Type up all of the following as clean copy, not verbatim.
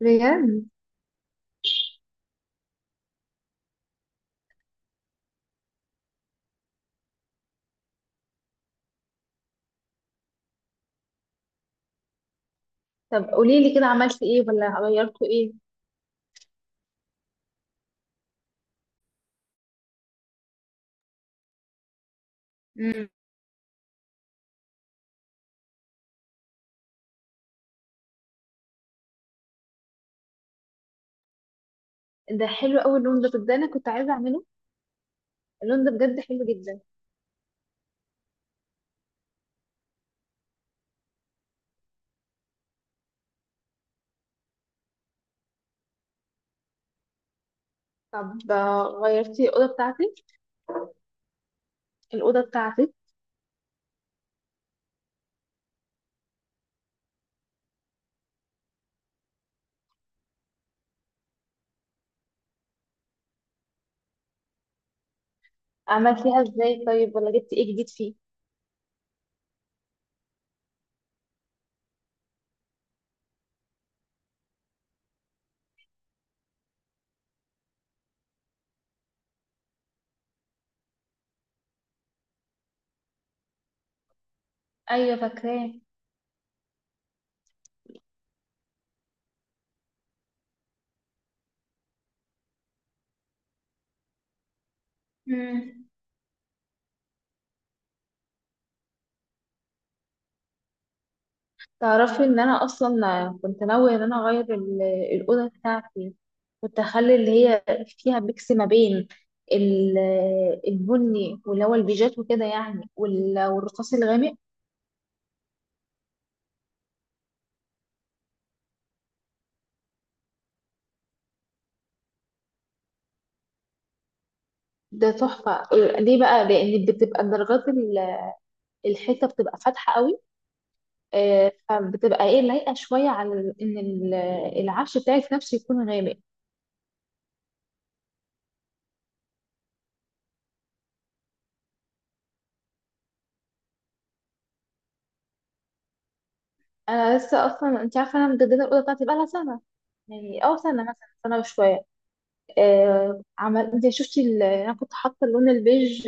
بجد. طب قولي لي كده، عملتي ايه ولا غيرتوا ايه؟ مم. ده حلو قوي اللون ده انا كنت عايزه اعمله. اللون ده بجد حلو جدا. طب غيرتي الاوضه بتاعتي؟ الاوضه بتاعتي عملتيها ازاي؟ طيب، ولا جبتي ايه جديد فيه؟ ايوه، فاكراه. مم. تعرفي ان انا اصلا كنت ناويه ان انا اغير الاوضه بتاعتي. كنت اخلي اللي هي فيها ميكس ما بين ال- البني واللي هو البيجات وكده يعني، والرصاص الغامق. ده تحفة. ليه بقى؟ لأن بتبقى درجات الحيطة، بتبقى فاتحة قوي. فبتبقى ايه لايقة شوية على العفش بتاعك نفسه يكون غامق. أنا لسه أصلا، أنت عارفة، أنا مجددة الأوضة بتاعتي بقالها سنة، يعني أو سنة مثلا، سنة وشوية. آه، عمل أنت شفتي ال- أنا كنت حاطة اللون البيج،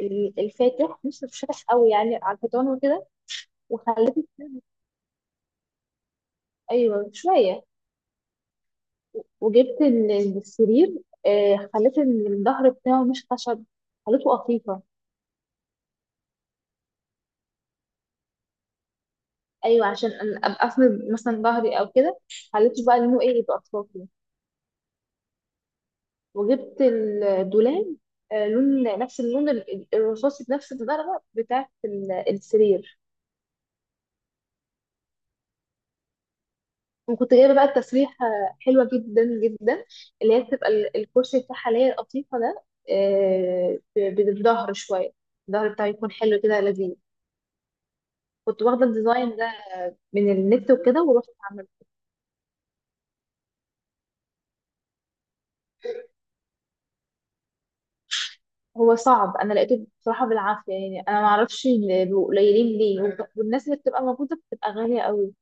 الفاتح، مش فاتح قوي يعني، على الحيطان وكده. وخليته. أيوه، شوية. وجبت السرير. خليت الظهر بتاعه مش خشب، خليته قطيفة. ايوه، عشان ابقى اسند مثلا ظهري او كده. خليته بقى لونه ايه، يبقى اطرافي. وجبت الدولاب، لون نفس اللون الرصاصي، بنفس الدرجه بتاعه السرير. وكنت جايبه بقى التسريحه، حلوه جدا جدا، اللي هي بتبقى الكرسي بتاعها اللي هي القطيفه ده. بالظهر شويه، الظهر بتاعه يكون حلو كده، لذيذ. كنت واخده الديزاين ده من النت وكده ورحت. هو صعب، انا لقيته بصراحه بالعافيه يعني، انا ما اعرفش بيبقوا قليلين ليه، والناس اللي بتبقى موجوده بتبقى غاليه قوي.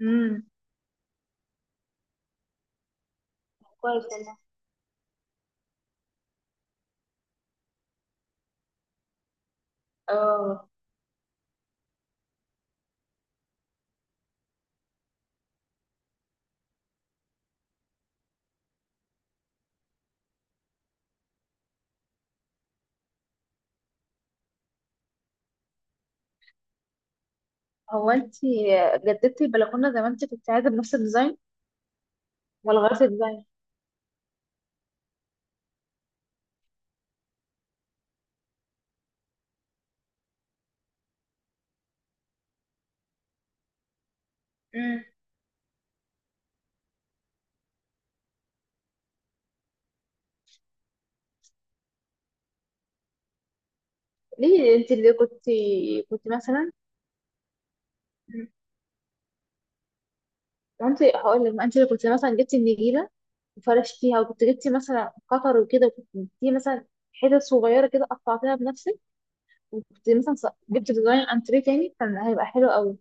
امم. كويس والله. اه. هو انت جددتي البلكونه زي ما انت كنت عايزه بنفس الديزاين، ولا غيرتي الديزاين؟ مم. ليه انت اللي كنت مثلا؟ مم. وانت هقول لك، ما انت اللي كنت مثلا جبتي النجيله وفرشتيها، وكنت جبتي مثلا قطر وكده، وكنت جبتي مثلا حتت صغيره كده قطعتيها بنفسك، وكنت مثلا جبت ديزاين انتريه تاني كان هيبقى حلو قوي.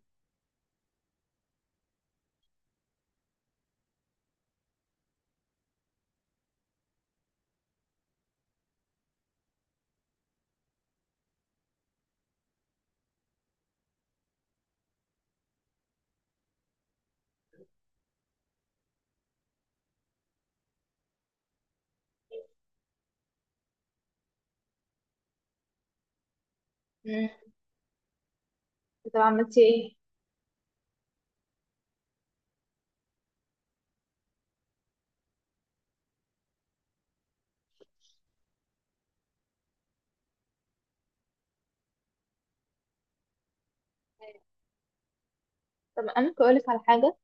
طب عملتي ايه؟ طب انا ممكن اقولك على حاجه؟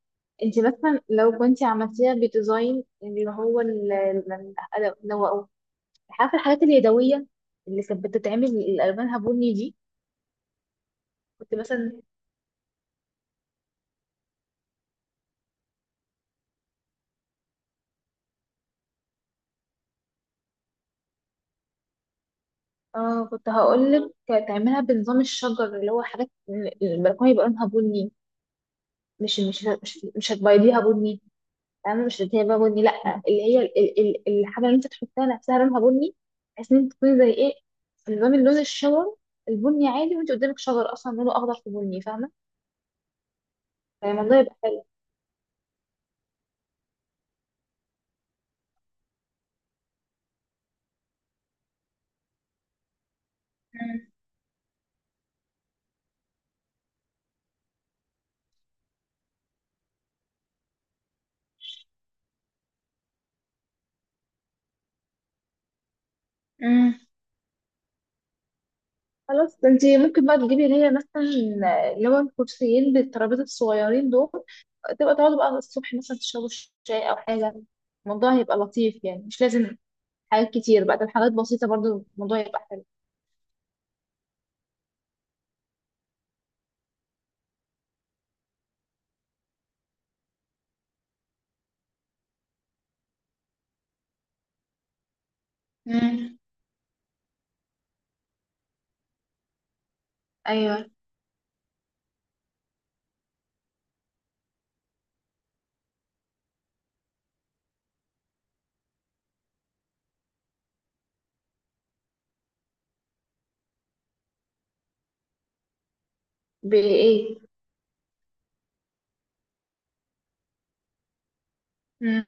انت مثلا لو كنت عملتيها بديزاين، اللي هو ال- لو أو- عارفه الحاجات اليدويه اللي كانت بتتعمل اللي الوانها بني دي، كنت مثلا. اه، كنت هقولك تعملها بنظام الشجر، اللي هو حاجات البلكونه يبقى لونها بني. مش هتبيضيها بني. انا مش اللي هي بقى بني، لا، اللي هي الحاجه اللي انت تحطها نفسها لونها بني، بحيث ان انت تكوني زي ايه، في نظام اللون الشجر البني عادي، وانت قدامك شجر اصلا لونه اخضر في بني، فاهمه؟ فالموضوع يبقى حلو. مم. مم. خلاص، ده انت ممكن بقى تجيبي اللي هي مثلا، اللي هو الكرسيين بالترابيزه الصغيرين دول، تبقى تقعدوا بقى الصبح مثلا تشربوا شاي او حاجه. الموضوع هيبقى لطيف، يعني مش لازم حاجات كتير بقى، ده حاجات بسيطه، برضو الموضوع يبقى حلو. مم. ايوه. بايه؟ مم.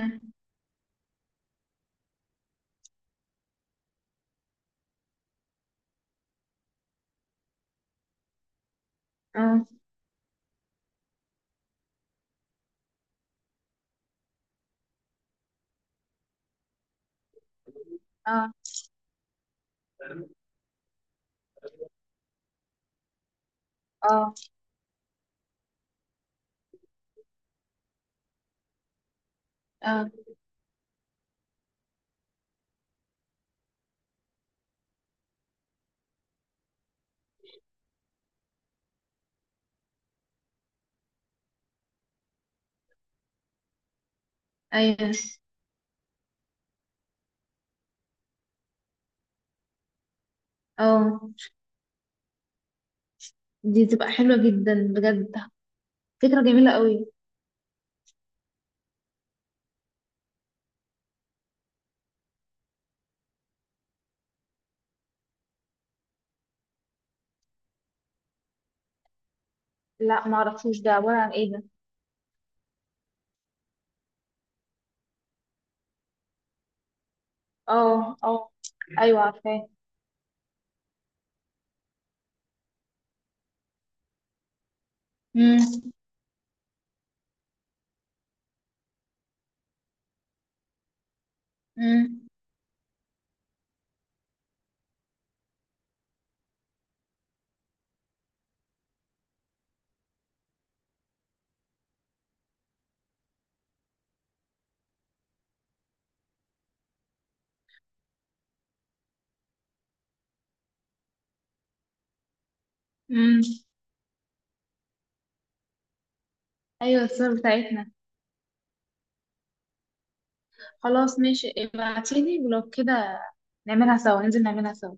اه. اه. اه. ايوه. اه. دي تبقى حلوة جدا بجد، فكرة جميلة قوي. لا، ما اعرفوش ده عبارة عن ايه ده؟ اه، اه. ايوه، عارفاه. امم. امم. امم. ايوه، الصور بتاعتنا. خلاص، ماشي، ابعتيلي ولو كده، نعملها سوا، ننزل نعملها سوا.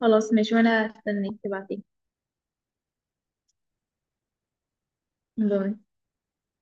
خلاص، ماشي، وانا استنيك تبعتيلي. باي.